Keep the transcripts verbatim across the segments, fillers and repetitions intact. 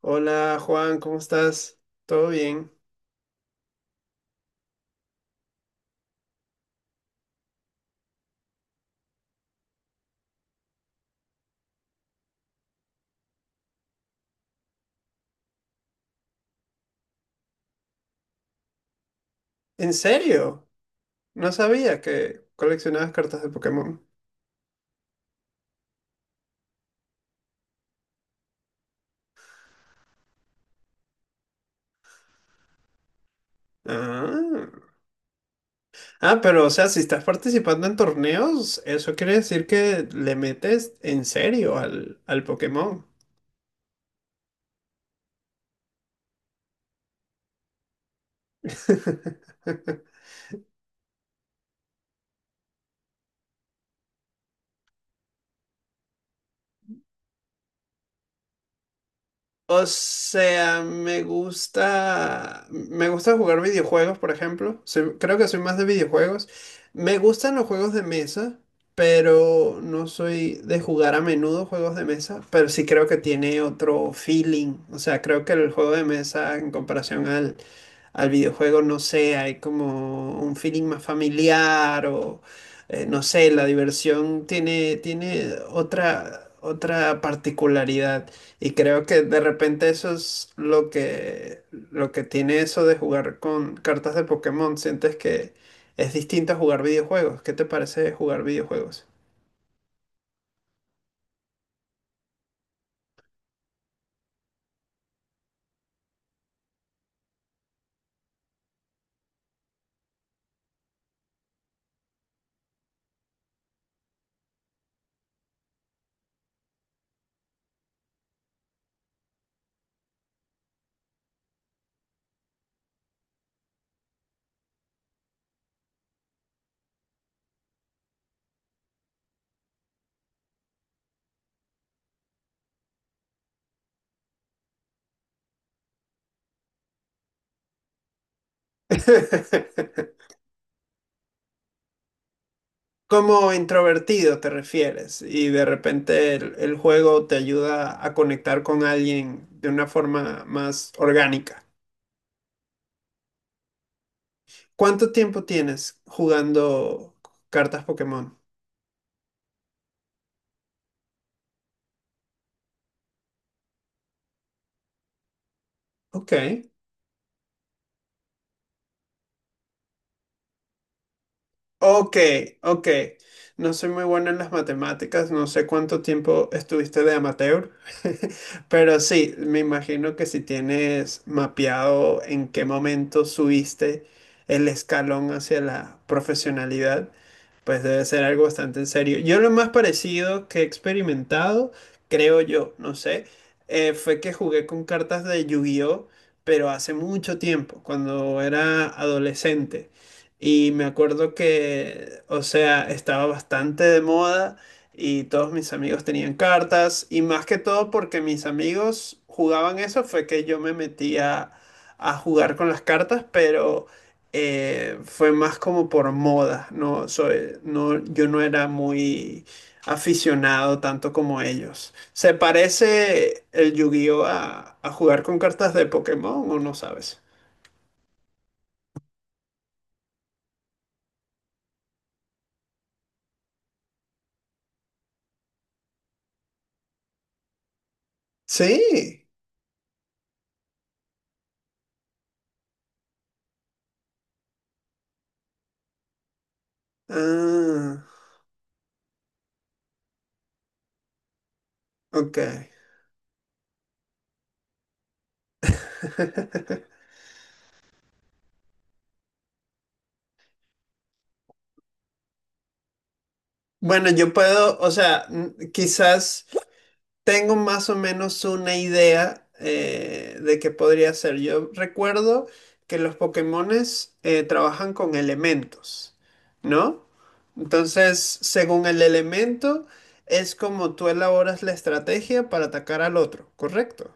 Hola Juan, ¿cómo estás? ¿Todo bien? ¿En serio? No sabía que coleccionabas cartas de Pokémon. Ah. Ah, pero o sea, si estás participando en torneos, eso quiere decir que le metes en serio al, al Pokémon. O sea, me gusta, me gusta jugar videojuegos, por ejemplo. Soy- creo que soy más de videojuegos. Me gustan los juegos de mesa, pero no soy de jugar a menudo juegos de mesa, pero sí creo que tiene otro feeling. O sea, creo que el juego de mesa en comparación al, al videojuego, no sé, hay como un feeling más familiar o eh, no sé, la diversión tiene, tiene otra, otra particularidad. Y creo que de repente eso es lo que, lo que tiene eso de jugar con cartas de Pokémon. Sientes que es distinto a jugar videojuegos. ¿Qué te parece jugar videojuegos? Como introvertido te refieres y de repente el, el juego te ayuda a conectar con alguien de una forma más orgánica. ¿Cuánto tiempo tienes jugando cartas Pokémon? Ok. Ok, ok. No soy muy bueno en las matemáticas, no sé cuánto tiempo estuviste de amateur, pero sí, me imagino que si tienes mapeado en qué momento subiste el escalón hacia la profesionalidad, pues debe ser algo bastante en serio. Yo lo más parecido que he experimentado, creo yo, no sé, eh, fue que jugué con cartas de Yu-Gi-Oh, pero hace mucho tiempo, cuando era adolescente. Y me acuerdo que, o sea, estaba bastante de moda y todos mis amigos tenían cartas. Y más que todo porque mis amigos jugaban eso, fue que yo me metía a a jugar con las cartas, pero eh, fue más como por moda, no soy, no, yo no era muy aficionado tanto como ellos. ¿Se parece el Yu-Gi-Oh a, a jugar con cartas de Pokémon o no sabes? Sí. Ah, ok. Bueno, yo puedo, o sea, n- quizás tengo más o menos una idea eh, de qué podría ser. Yo recuerdo que los Pokémones eh, trabajan con elementos, ¿no? Entonces, según el elemento, es como tú elaboras la estrategia para atacar al otro, ¿correcto?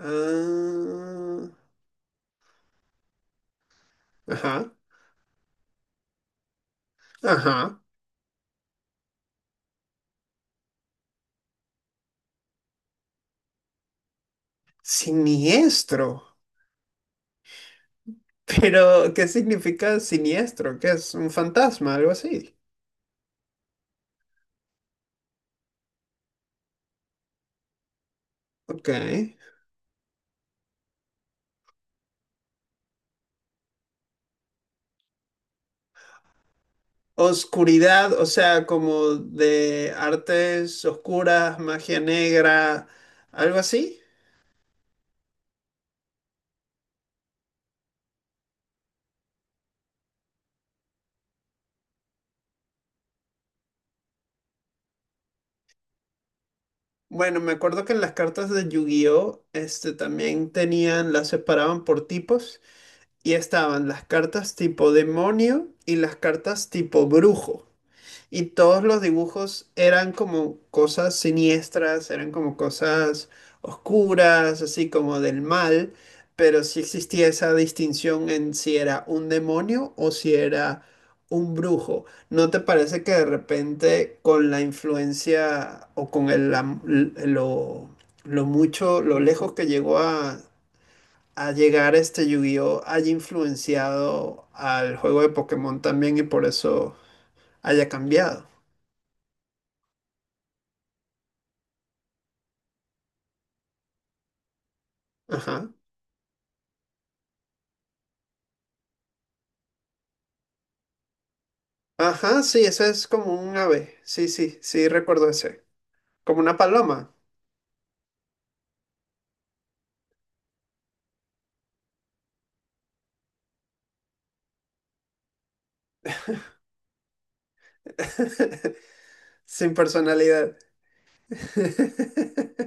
Ah, ajá, ajá. Siniestro. Pero, ¿qué significa siniestro? ¿Qué es? ¿Un fantasma? Algo así. Ok. Oscuridad, o sea, como de artes oscuras, magia negra, algo así. Bueno, me acuerdo que en las cartas de Yu-Gi-Oh, este también tenían, las separaban por tipos y estaban las cartas tipo demonio y las cartas tipo brujo. Y todos los dibujos eran como cosas siniestras, eran como cosas oscuras, así como del mal, pero sí existía esa distinción en si era un demonio o si era un brujo. ¿No te parece que de repente con la influencia o con el, am- l- lo, lo mucho, lo lejos que llegó a, a llegar este Yu-Gi-Oh haya influenciado al juego de Pokémon también y por eso haya cambiado? Ajá. Ajá, sí, eso es como un ave. Sí, sí, sí, recuerdo ese. Como una paloma. Sin personalidad.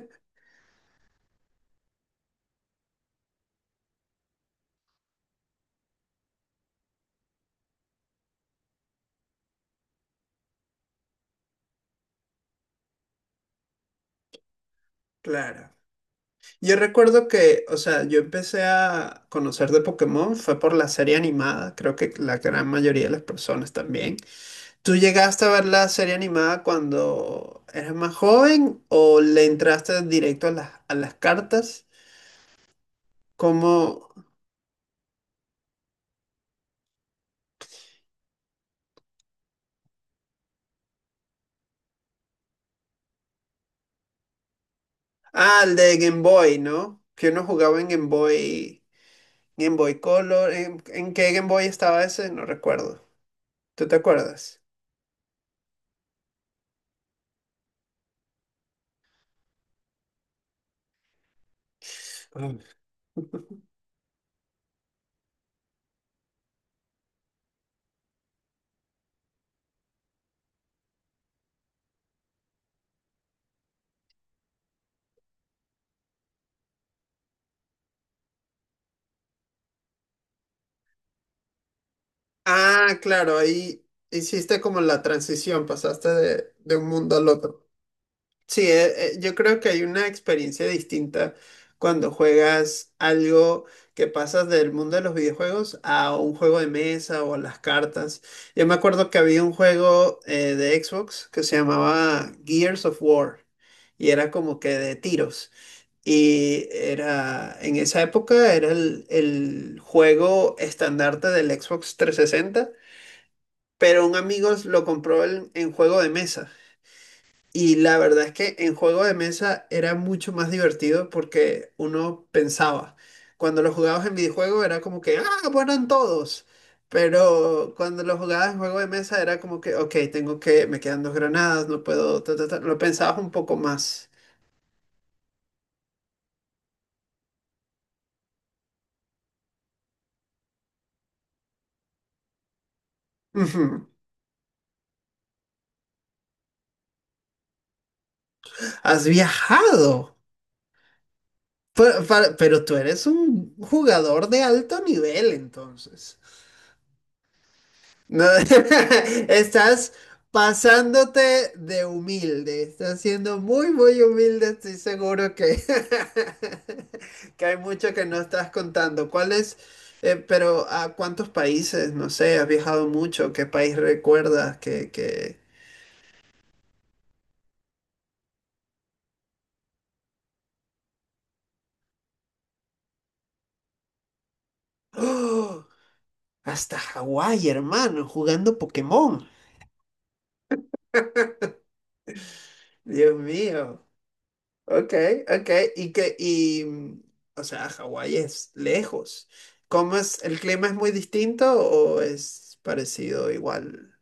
Claro. Yo recuerdo que, o sea, yo empecé a conocer de Pokémon fue por la serie animada, creo que la gran mayoría de las personas también. ¿Tú llegaste a ver la serie animada cuando eras más joven o le entraste directo a las, a las cartas? Como, ah, el de Game Boy, ¿no? Que uno jugaba en Game Boy. Game Boy Color. ¿En, en qué Game Boy estaba ese? No recuerdo. ¿Tú te acuerdas? Mm. Ah, claro, ahí hiciste como la transición, pasaste de, de un mundo al otro. Sí, eh, eh, yo creo que hay una experiencia distinta cuando juegas algo que pasas del mundo de los videojuegos a un juego de mesa o a las cartas. Yo me acuerdo que había un juego eh, de Xbox que se llamaba Gears of War y era como que de tiros. Y era, en esa época era el, el juego estandarte del Xbox trescientos sesenta pero un amigo lo compró en, en juego de mesa. Y la verdad es que en juego de mesa era mucho más divertido porque uno pensaba. Cuando lo jugabas en videojuego era como que, ah, mueran todos. Pero cuando lo jugabas en juego de mesa era como que, ok, tengo que, me quedan dos granadas, no puedo, ta, ta, ta". Lo pensabas un poco más. Ujú. ¿Has viajado? Pero, para- pero tú eres un jugador de alto nivel, entonces. No, estás pasándote de humilde. Estás siendo muy, muy humilde. Estoy seguro que, que hay mucho que no estás contando. ¿Cuál es? eh, pero ¿a cuántos países? No sé, has viajado mucho. ¿Qué país recuerdas? Que, que... ¡Oh! Hasta Hawái, hermano, jugando Pokémon. Dios mío. Ok, ok. Y que, y, mm, o sea, Hawái es lejos. ¿Cómo es? ¿El clima es muy distinto o es parecido igual?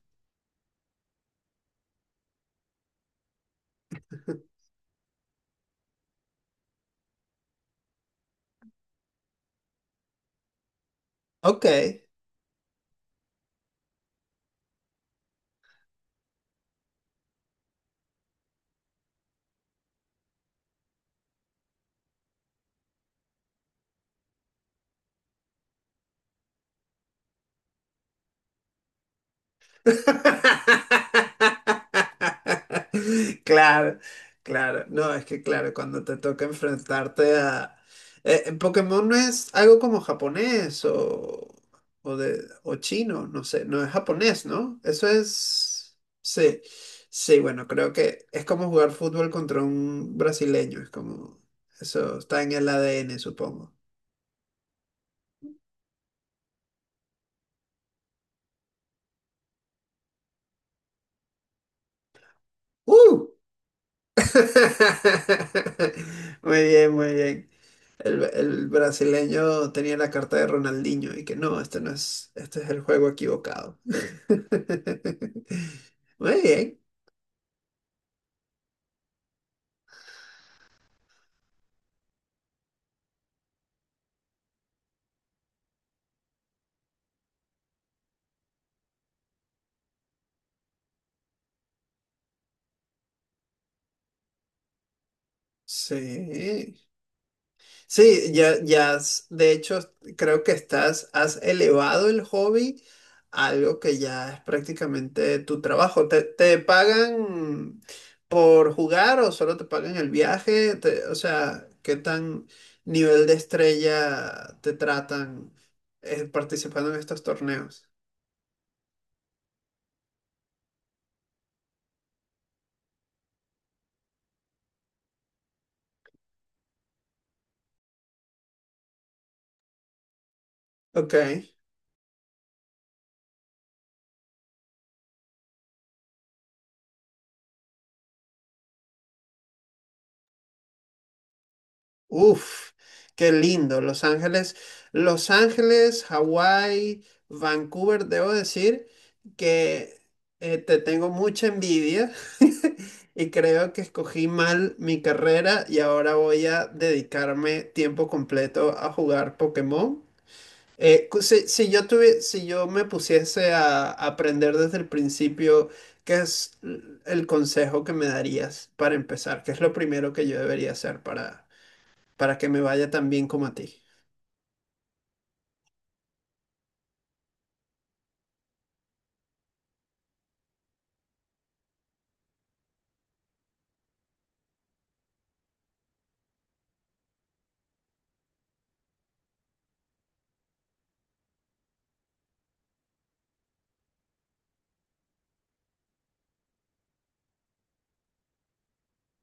Ok, claro, claro. No, es que claro, cuando te toca enfrentarte a... Eh, eh, Pokémon no es algo como japonés o, o, de, o chino, no sé, no es japonés, ¿no? Eso es... Sí, sí, bueno, creo que es como jugar fútbol contra un brasileño, es como... Eso está en el A D N, supongo. ¡Uh! Muy bien, muy bien. El, el brasileño tenía la carta de Ronaldinho y que no, este no es, este es el juego equivocado. Muy bien. Sí. Sí, ya, ya, has- de hecho, creo que estás, has elevado el hobby a algo que ya es prácticamente tu trabajo. ¿Te, te pagan por jugar o solo te pagan el viaje? Te- o sea, ¿qué tan nivel de estrella te tratan eh, participando en estos torneos? Ok. Uf, qué lindo. Los Ángeles, Los Ángeles, Hawái, Vancouver, debo decir que eh, te tengo mucha envidia y creo que escogí mal mi carrera y ahora voy a dedicarme tiempo completo a jugar Pokémon. Eh, cu- si, si yo tuvi- si yo me pusiese a aprender desde el principio, ¿qué es l- el consejo que me darías para empezar? ¿Qué es lo primero que yo debería hacer para para que me vaya tan bien como a ti.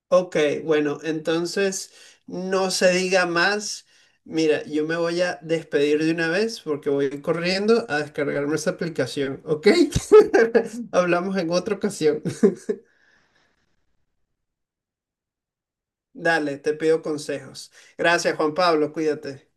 Ok, bueno, entonces no se diga más. Mira, yo me voy a despedir de una vez porque voy corriendo a descargarme esa aplicación, ¿ok? Hablamos en otra ocasión. Dale, te pido consejos. Gracias, Juan Pablo, cuídate.